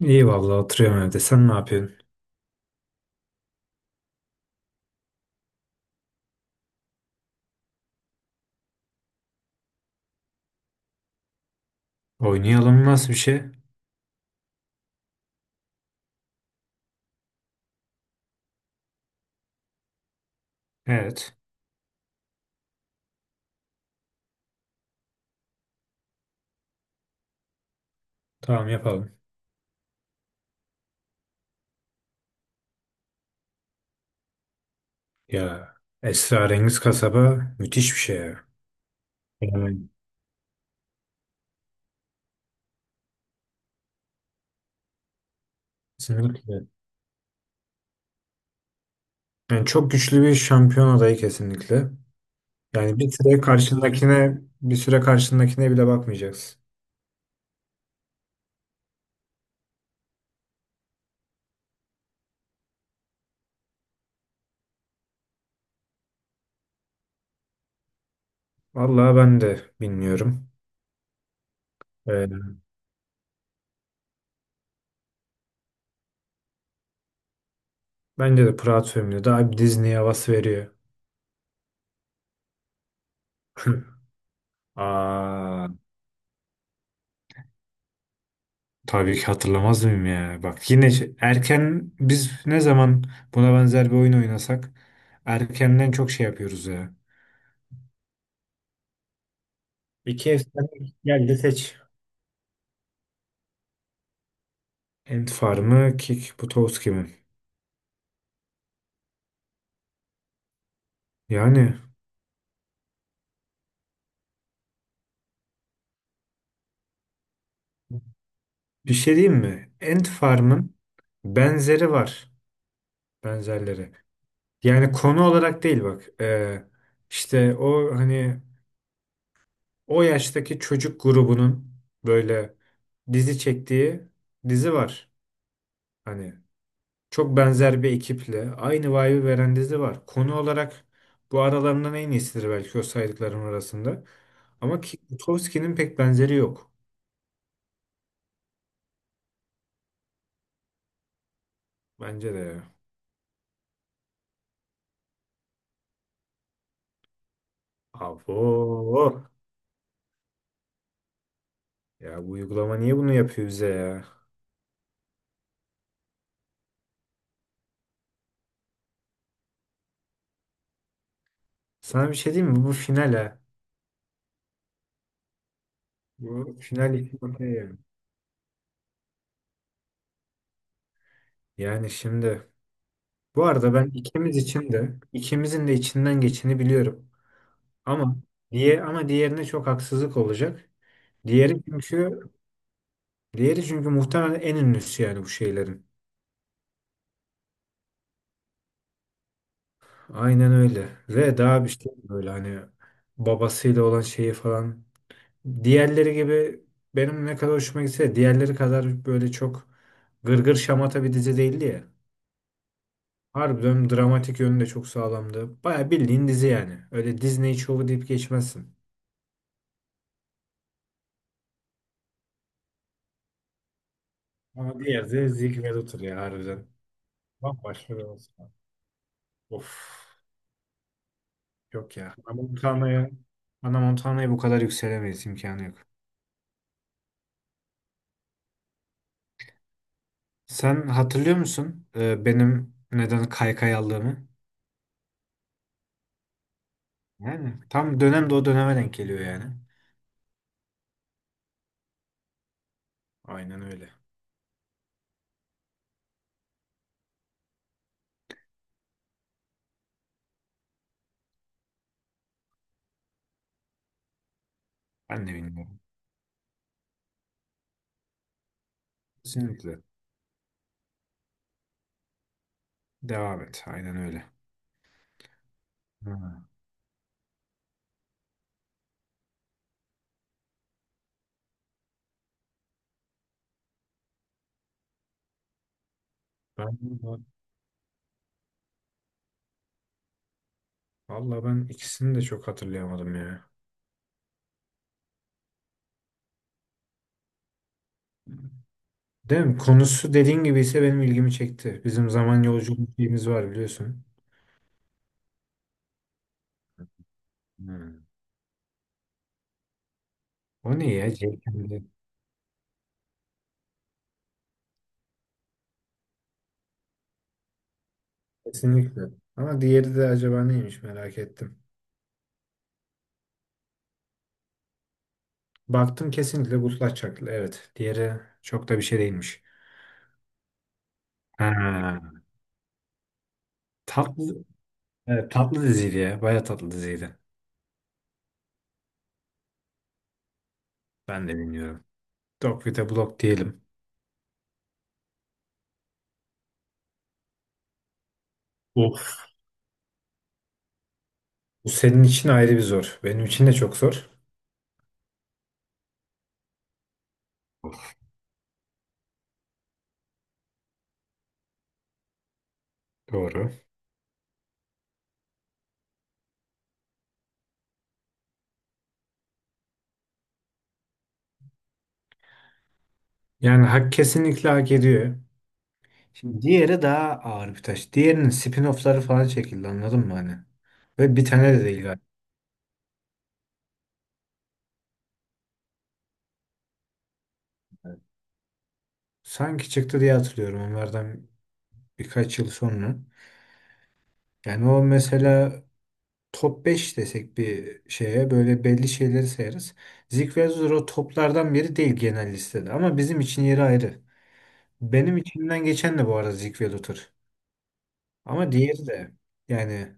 İyi vallahi oturuyorum evde. Sen ne yapıyorsun? Oynayalım nasıl bir şey? Evet. Tamam yapalım. Ya Esrarengiz Kasaba müthiş bir şey ya. Yani kesinlikle. Yani çok güçlü bir şampiyon adayı kesinlikle. Yani bir süre karşındakine bile bakmayacaksın. Vallahi ben de bilmiyorum. Ee, bence de Pırat filmi de daha bir Disney havası veriyor. Aa. Tabii ki hatırlamaz mıyım ya? Bak yine erken biz ne zaman buna benzer bir oyun oynasak erkenden çok şey yapıyoruz ya. İki efsane geldi, seç. Ant Farm'ı, Kick Butowski mi? Yani bir şey diyeyim mi? Ant Farm'ın benzeri var. Benzerleri. Yani konu olarak değil bak. İşte o hani o yaştaki çocuk grubunun böyle dizi çektiği dizi var. Hani çok benzer bir ekiple aynı vibe'ı veren dizi var. Konu olarak bu aralarından en iyisidir belki o saydıklarım arasında. Ama ki- Butowski'nin pek benzeri yok. Bence de ya. Abo. Ya bu uygulama niye bunu yapıyor bize ya? Sana bir şey diyeyim mi? Bu final ha. Bu final için okey yani. Yani şimdi bu arada ben ikimiz için de ikimizin de içinden geçeni biliyorum. Ama diye ama diğerine çok haksızlık olacak. Diğeri çünkü Diğeri çünkü muhtemelen en ünlüsü yani bu şeylerin. Aynen öyle. Ve daha bir şey böyle hani babasıyla olan şeyi falan. Diğerleri gibi benim ne kadar hoşuma gitse de diğerleri kadar böyle çok gırgır şamata bir dizi değildi ya. Harbiden dramatik yönü de çok sağlamdı. Baya bildiğin dizi yani. Öyle Disney şovu deyip geçmezsin. Ama diğer de Zeke ve Luther ya harbiden. Bambaşka bir olsun. Of. Yok ya. Ana Montana'ya bu kadar yükselemeyiz, imkanı yok. Sen hatırlıyor musun benim neden kaykay aldığımı? Yani tam dönem de o döneme denk geliyor yani. Aynen öyle. Ben de bilmiyorum. Kesinlikle. Devam et. Aynen öyle. Ha, ben valla ben ikisini de çok hatırlayamadım ya. Değil mi? Konusu dediğin gibi ise benim ilgimi çekti. Bizim zaman yolculuğumuz şeyimiz var biliyorsun. Hmm. O ne ya? Jelkenli. Kesinlikle. Ama diğeri de acaba neymiş, merak ettim. Baktım kesinlikle Gutlaç Çaklı. Evet. Diğeri çok da bir şey değilmiş. Ha, tatlı, evet, tatlı diziydi ya. Baya tatlı diziydi. Ben de bilmiyorum. Dog with a Block diyelim. Of. Bu senin için ayrı bir zor. Benim için de çok zor. Of. Doğru. Yani hak, kesinlikle hak ediyor. Şimdi diğeri daha ağır bir taş. Diğerinin spin-off'ları falan çekildi, anladın mı hani? Ve bir tane de değil galiba. Sanki çıktı diye hatırlıyorum onlardan birkaç yıl sonra. Yani o mesela top 5 desek bir şeye böyle belli şeyleri sayarız. Zik ve Zor o toplardan biri değil genel listede ama bizim için yeri ayrı. Benim içimden geçen de bu arada Zik ve Luthor. Ama diğeri de yani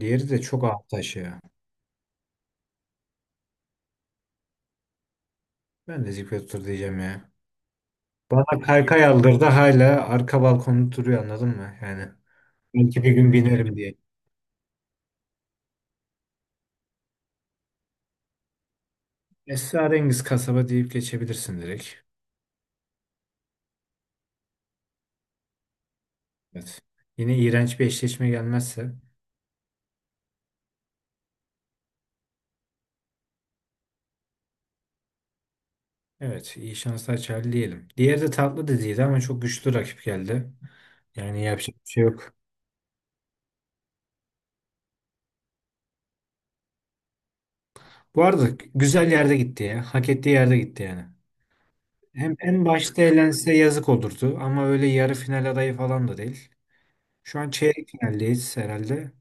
diğeri de çok avantaj ya. Ben de Zik ve Luthor diyeceğim ya. Bana kaykay aldırdı, hala arka balkonda duruyor, anladın mı? Yani belki bir gün binerim diye. Esrarengiz kasaba deyip geçebilirsin direkt. Evet. Yine iğrenç bir eşleşme gelmezse. Evet, iyi şanslar Charlie diyelim. Diğeri de tatlı dediydi ama çok güçlü rakip geldi. Yani yapacak bir şey yok. Bu arada güzel yerde gitti ya. Hak ettiği yerde gitti yani. Hem en başta elense yazık olurdu ama öyle yarı final adayı falan da değil. Şu an çeyrek finaldeyiz herhalde.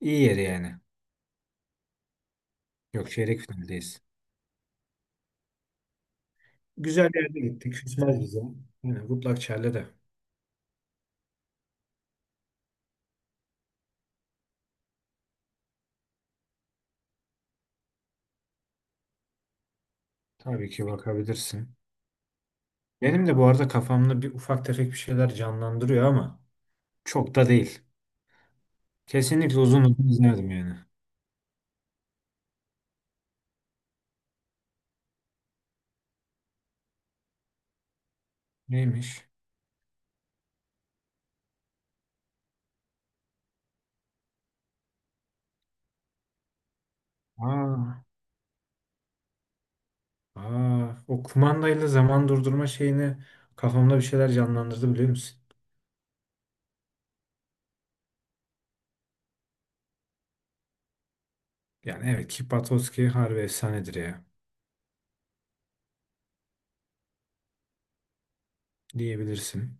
İyi yeri yani. Yok, çeyrek finaldeyiz. Güzel yerde gittik. Küsmez bize. Yani good luck Charlie de. Tabii ki bakabilirsin. Benim de bu arada kafamda bir ufak tefek bir şeyler canlandırıyor ama çok da değil. Kesinlikle uzun uzun izlerdim yani. Neymiş? Aa, aa, o kumandayla zaman durdurma şeyini kafamda bir şeyler canlandırdı, biliyor musun? Yani evet, ki Patowski harbi efsanedir ya, diyebilirsin.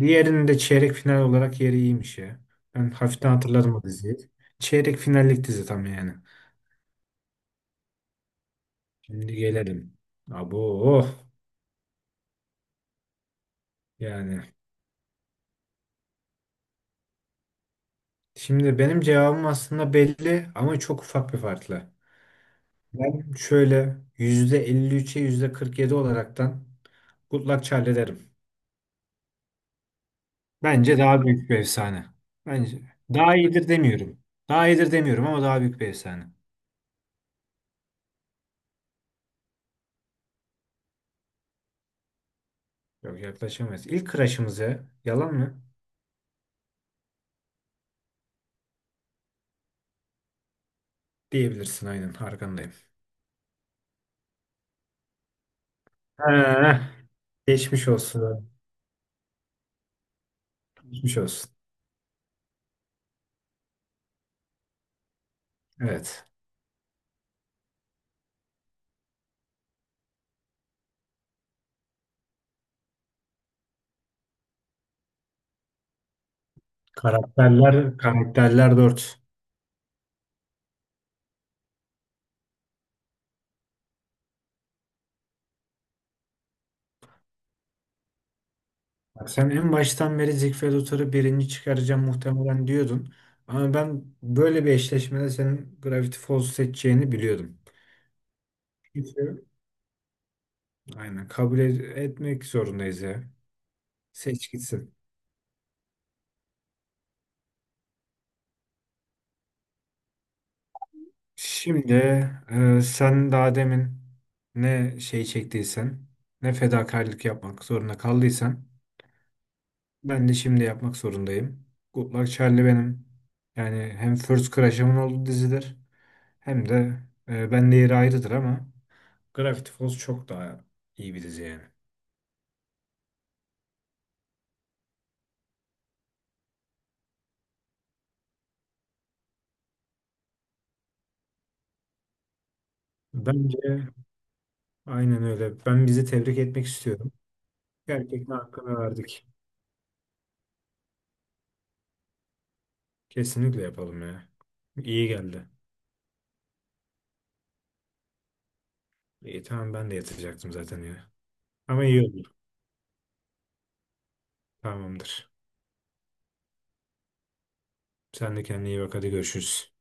Diğerinin de çeyrek final olarak yeri iyiymiş ya. Ben hafiften hatırladım o diziyi. Çeyrek finallik dizi tam yani. Şimdi gelelim. Abo oh. Yani. Şimdi benim cevabım aslında belli ama çok ufak bir farkla. Ben şöyle %53'e %47 olaraktan Good Charlie derim. Bence daha büyük bir efsane. Bence daha iyidir demiyorum. Daha iyidir demiyorum ama daha büyük bir efsane. Yok, yaklaşamayız. İlk crush'ımıza yalan mı? Diyebilirsin, aynen arkandayım. Ha, geçmiş olsun. Geçmiş olsun. Evet. Karakterler, karakterler 4. Bak sen en baştan beri Ziegfeld birinci çıkaracağım muhtemelen diyordun. Ama ben böyle bir eşleşmede senin Gravity Falls'u seçeceğini biliyordum. Peki. Aynen kabul etmek zorundayız ya. Seç gitsin. Şimdi sen daha demin ne şey çektiysen, ne fedakarlık yapmak zorunda kaldıysan ben de şimdi yapmak zorundayım. Good Luck Charlie benim yani hem First Crush'ımın olduğu dizidir hem de ben de yeri ayrıdır ama Gravity Falls çok daha iyi bir dizi yani. Bence aynen öyle. Ben bizi tebrik etmek istiyorum. Gerçekten hakkını verdik. Kesinlikle yapalım ya. İyi geldi. İyi, tamam, ben de yatacaktım zaten ya. Ama iyi oldu. Tamamdır. Sen de kendine iyi bak, hadi görüşürüz.